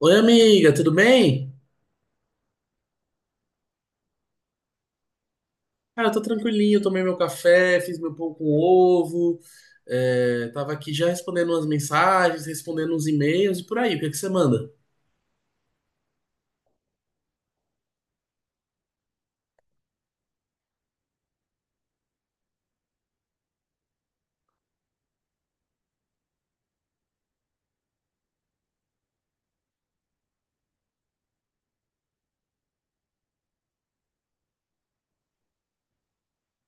Oi, amiga, tudo bem? Cara, eu tô tranquilinho, tomei meu café, fiz meu pão com ovo, tava aqui já respondendo umas mensagens, respondendo uns e-mails e por aí. O que é que você manda?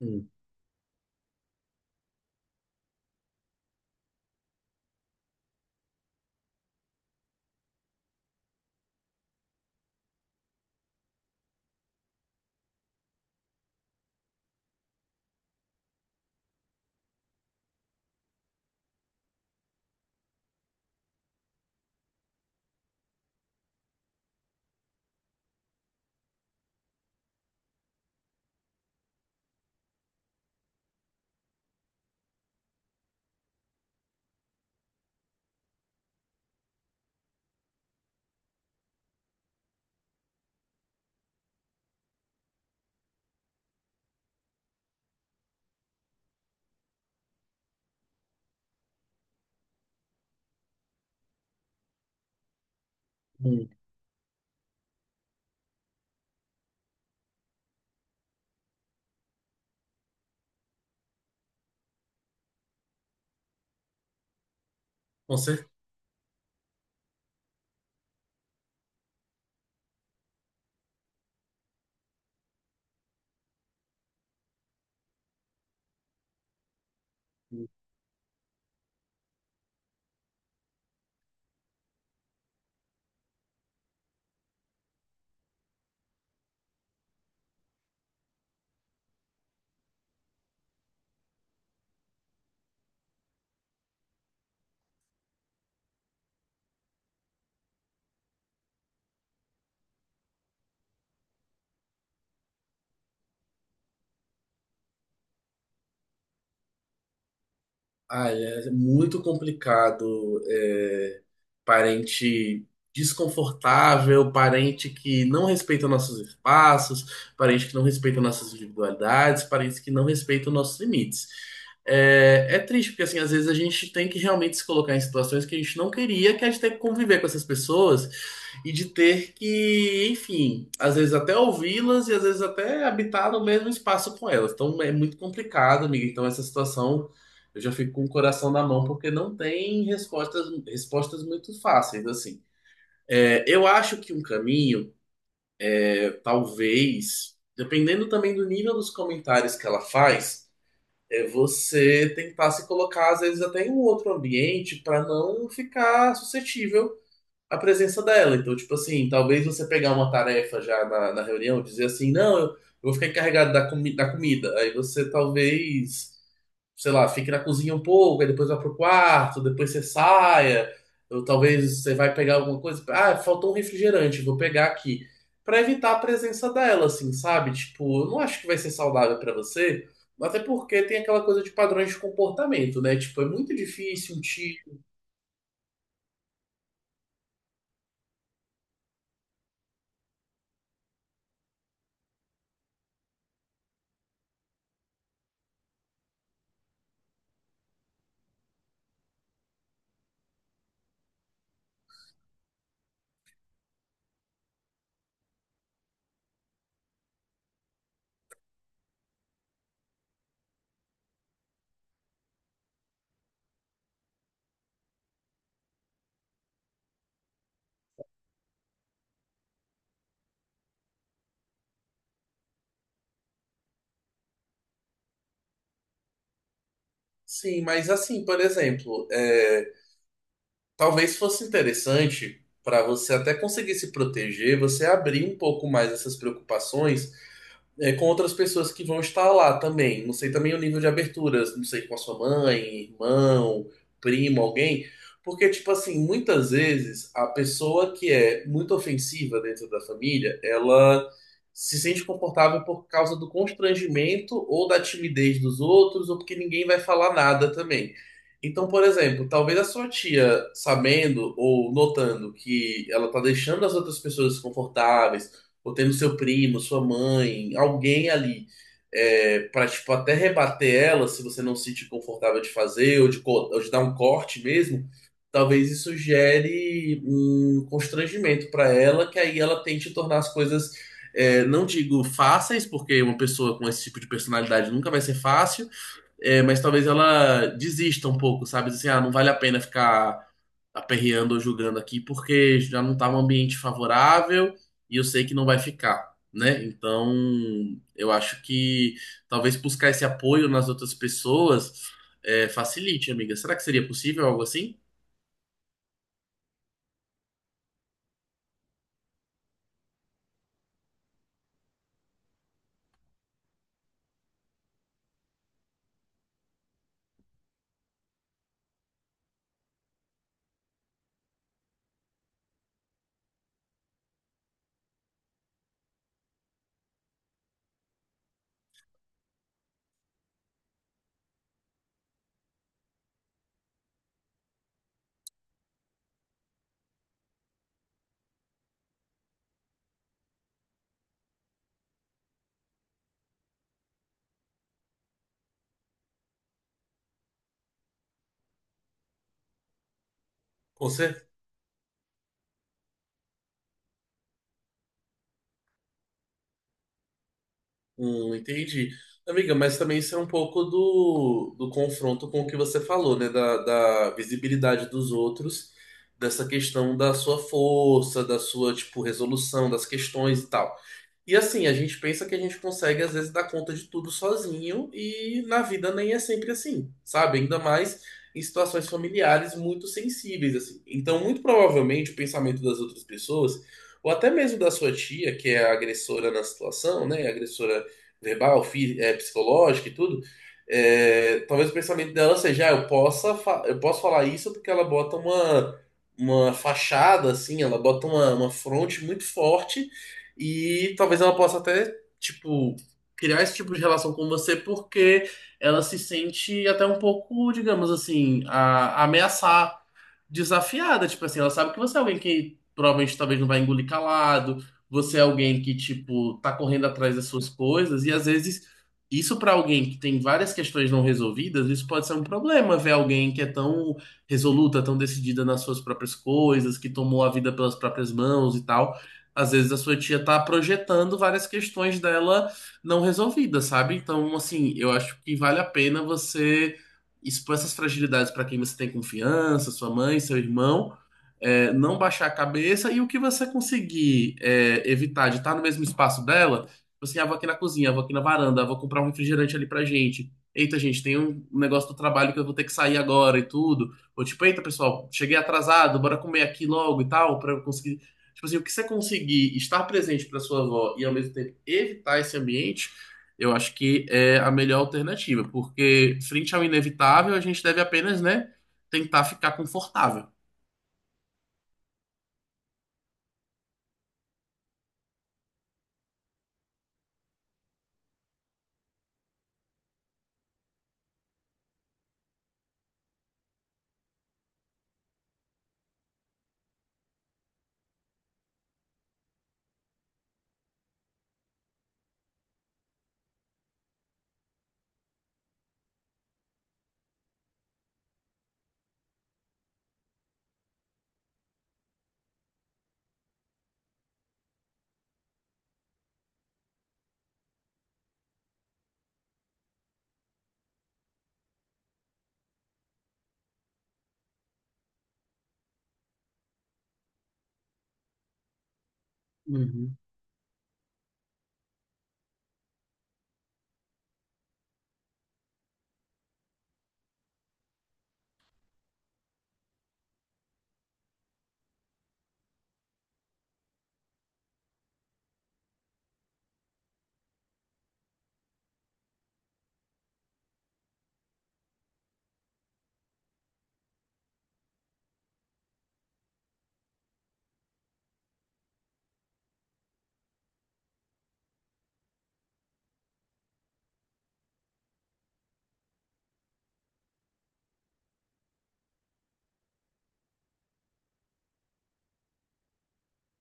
Hum. Hum, com certeza. Ai, é muito complicado. Parente desconfortável, parente que não respeita nossos espaços, parente que não respeita nossas individualidades, parente que não respeita nossos limites. É, é triste, porque assim, às vezes a gente tem que realmente se colocar em situações que a gente não queria, que a gente tem que conviver com essas pessoas e de ter que, enfim, às vezes até ouvi-las e às vezes até habitar no mesmo espaço com elas. Então é muito complicado, amiga. Então essa situação eu já fico com o coração na mão porque não tem respostas, respostas muito fáceis, assim. É, eu acho que um caminho, talvez, dependendo também do nível dos comentários que ela faz, é você tentar se colocar, às vezes, até em um outro ambiente para não ficar suscetível à presença dela. Então, tipo assim, talvez você pegar uma tarefa já na reunião, dizer assim, não, eu vou ficar encarregado da, comi da comida. Aí você talvez sei lá, fique na cozinha um pouco, aí depois vá pro quarto, depois você saia, ou talvez você vai pegar alguma coisa, ah, faltou um refrigerante, vou pegar aqui, pra evitar a presença dela, assim, sabe? Tipo, eu não acho que vai ser saudável pra você, até porque tem aquela coisa de padrões de comportamento, né? Tipo, é muito difícil um tio. Sim, mas assim, por exemplo, talvez fosse interessante para você até conseguir se proteger, você abrir um pouco mais essas preocupações com outras pessoas que vão estar lá também. Não sei também o nível de aberturas, não sei com a sua mãe, irmão, primo, alguém. Porque, tipo assim, muitas vezes a pessoa que é muito ofensiva dentro da família, ela se sente confortável por causa do constrangimento ou da timidez dos outros, ou porque ninguém vai falar nada também. Então, por exemplo, talvez a sua tia, sabendo ou notando que ela tá deixando as outras pessoas desconfortáveis, ou tendo seu primo, sua mãe, alguém ali, para tipo até rebater ela, se você não se sentir confortável de fazer ou ou de dar um corte mesmo, talvez isso gere um constrangimento para ela, que aí ela tente tornar as coisas, não digo fáceis, porque uma pessoa com esse tipo de personalidade nunca vai ser fácil, mas talvez ela desista um pouco, sabe? Assim, ah, não vale a pena ficar aperreando ou julgando aqui, porque já não tá um ambiente favorável e eu sei que não vai ficar, né? Então, eu acho que talvez buscar esse apoio nas outras pessoas facilite, amiga. Será que seria possível algo assim? Com certeza. Entendi. Amiga, mas também isso é um pouco do confronto com o que você falou, né? Da visibilidade dos outros, dessa questão da sua força, da sua, tipo, resolução das questões e tal. E assim, a gente pensa que a gente consegue, às vezes, dar conta de tudo sozinho, e na vida nem é sempre assim, sabe? Ainda mais em situações familiares muito sensíveis, assim. Então, muito provavelmente, o pensamento das outras pessoas, ou até mesmo da sua tia, que é a agressora na situação, né? Agressora verbal, psicológica e tudo, talvez o pensamento dela seja, ah, eu posso falar isso porque ela bota uma. Uma fachada, assim, ela bota uma fronte muito forte e talvez ela possa até, tipo, criar esse tipo de relação com você porque ela se sente até um pouco, digamos assim, a ameaçar desafiada, tipo assim, ela sabe que você é alguém que provavelmente talvez não vai engolir calado, você é alguém que, tipo, tá correndo atrás das suas coisas, e às vezes isso pra alguém que tem várias questões não resolvidas, isso pode ser um problema, ver alguém que é tão resoluta, tão decidida nas suas próprias coisas, que tomou a vida pelas próprias mãos e tal. Às vezes a sua tia tá projetando várias questões dela não resolvidas, sabe? Então, assim, eu acho que vale a pena você expõe essas fragilidades para quem você tem confiança, sua mãe, seu irmão, não baixar a cabeça e o que você conseguir evitar de estar no mesmo espaço dela, tipo assim, ah, vou aqui na cozinha, vou aqui na varanda, ah, vou comprar um refrigerante ali pra gente. Eita, gente, tem um negócio do trabalho que eu vou ter que sair agora e tudo. Ou tipo, eita, pessoal, cheguei atrasado, bora comer aqui logo e tal, pra eu conseguir. Tipo assim, o que você conseguir estar presente pra sua avó e ao mesmo tempo evitar esse ambiente, eu acho que é a melhor alternativa, porque frente ao inevitável, a gente deve apenas, né, tentar ficar confortável. Uhum.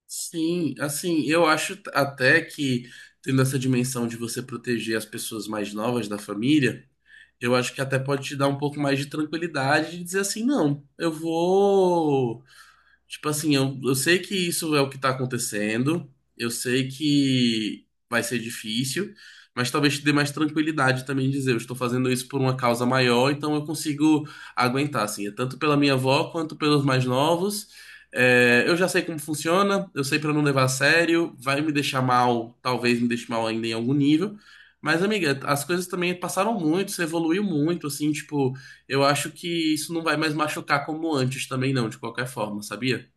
Sim, assim, eu acho até que tendo essa dimensão de você proteger as pessoas mais novas da família, eu acho que até pode te dar um pouco mais de tranquilidade de dizer assim, não, eu vou tipo assim, eu sei que isso é o que tá acontecendo, eu sei que vai ser difícil, mas talvez te dê mais tranquilidade também dizer, eu estou fazendo isso por uma causa maior, então eu consigo aguentar, assim, é tanto pela minha avó quanto pelos mais novos. É, eu já sei como funciona, eu sei para não levar a sério, vai me deixar mal, talvez me deixe mal ainda em algum nível. Mas, amiga, as coisas também passaram muito, você evoluiu muito, assim, tipo, eu acho que isso não vai mais machucar como antes também, não, de qualquer forma, sabia?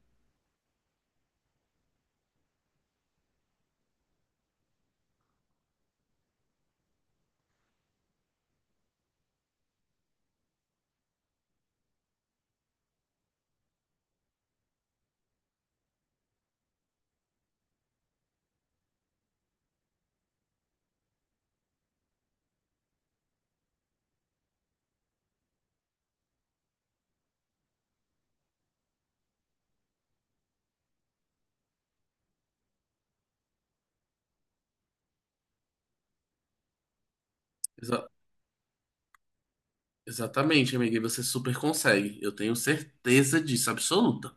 Exa- Exatamente, amiga, e você super consegue. Eu tenho certeza disso, absoluta.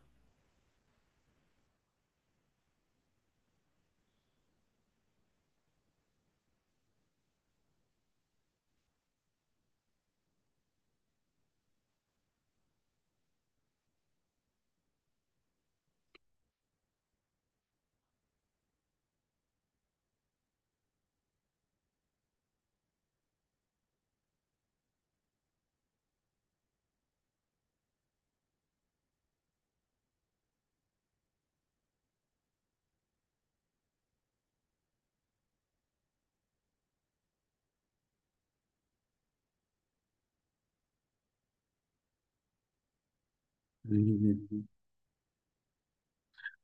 Uhum.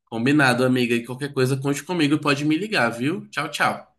Combinado, amiga, e qualquer coisa, conte comigo e pode me ligar, viu? Tchau, tchau.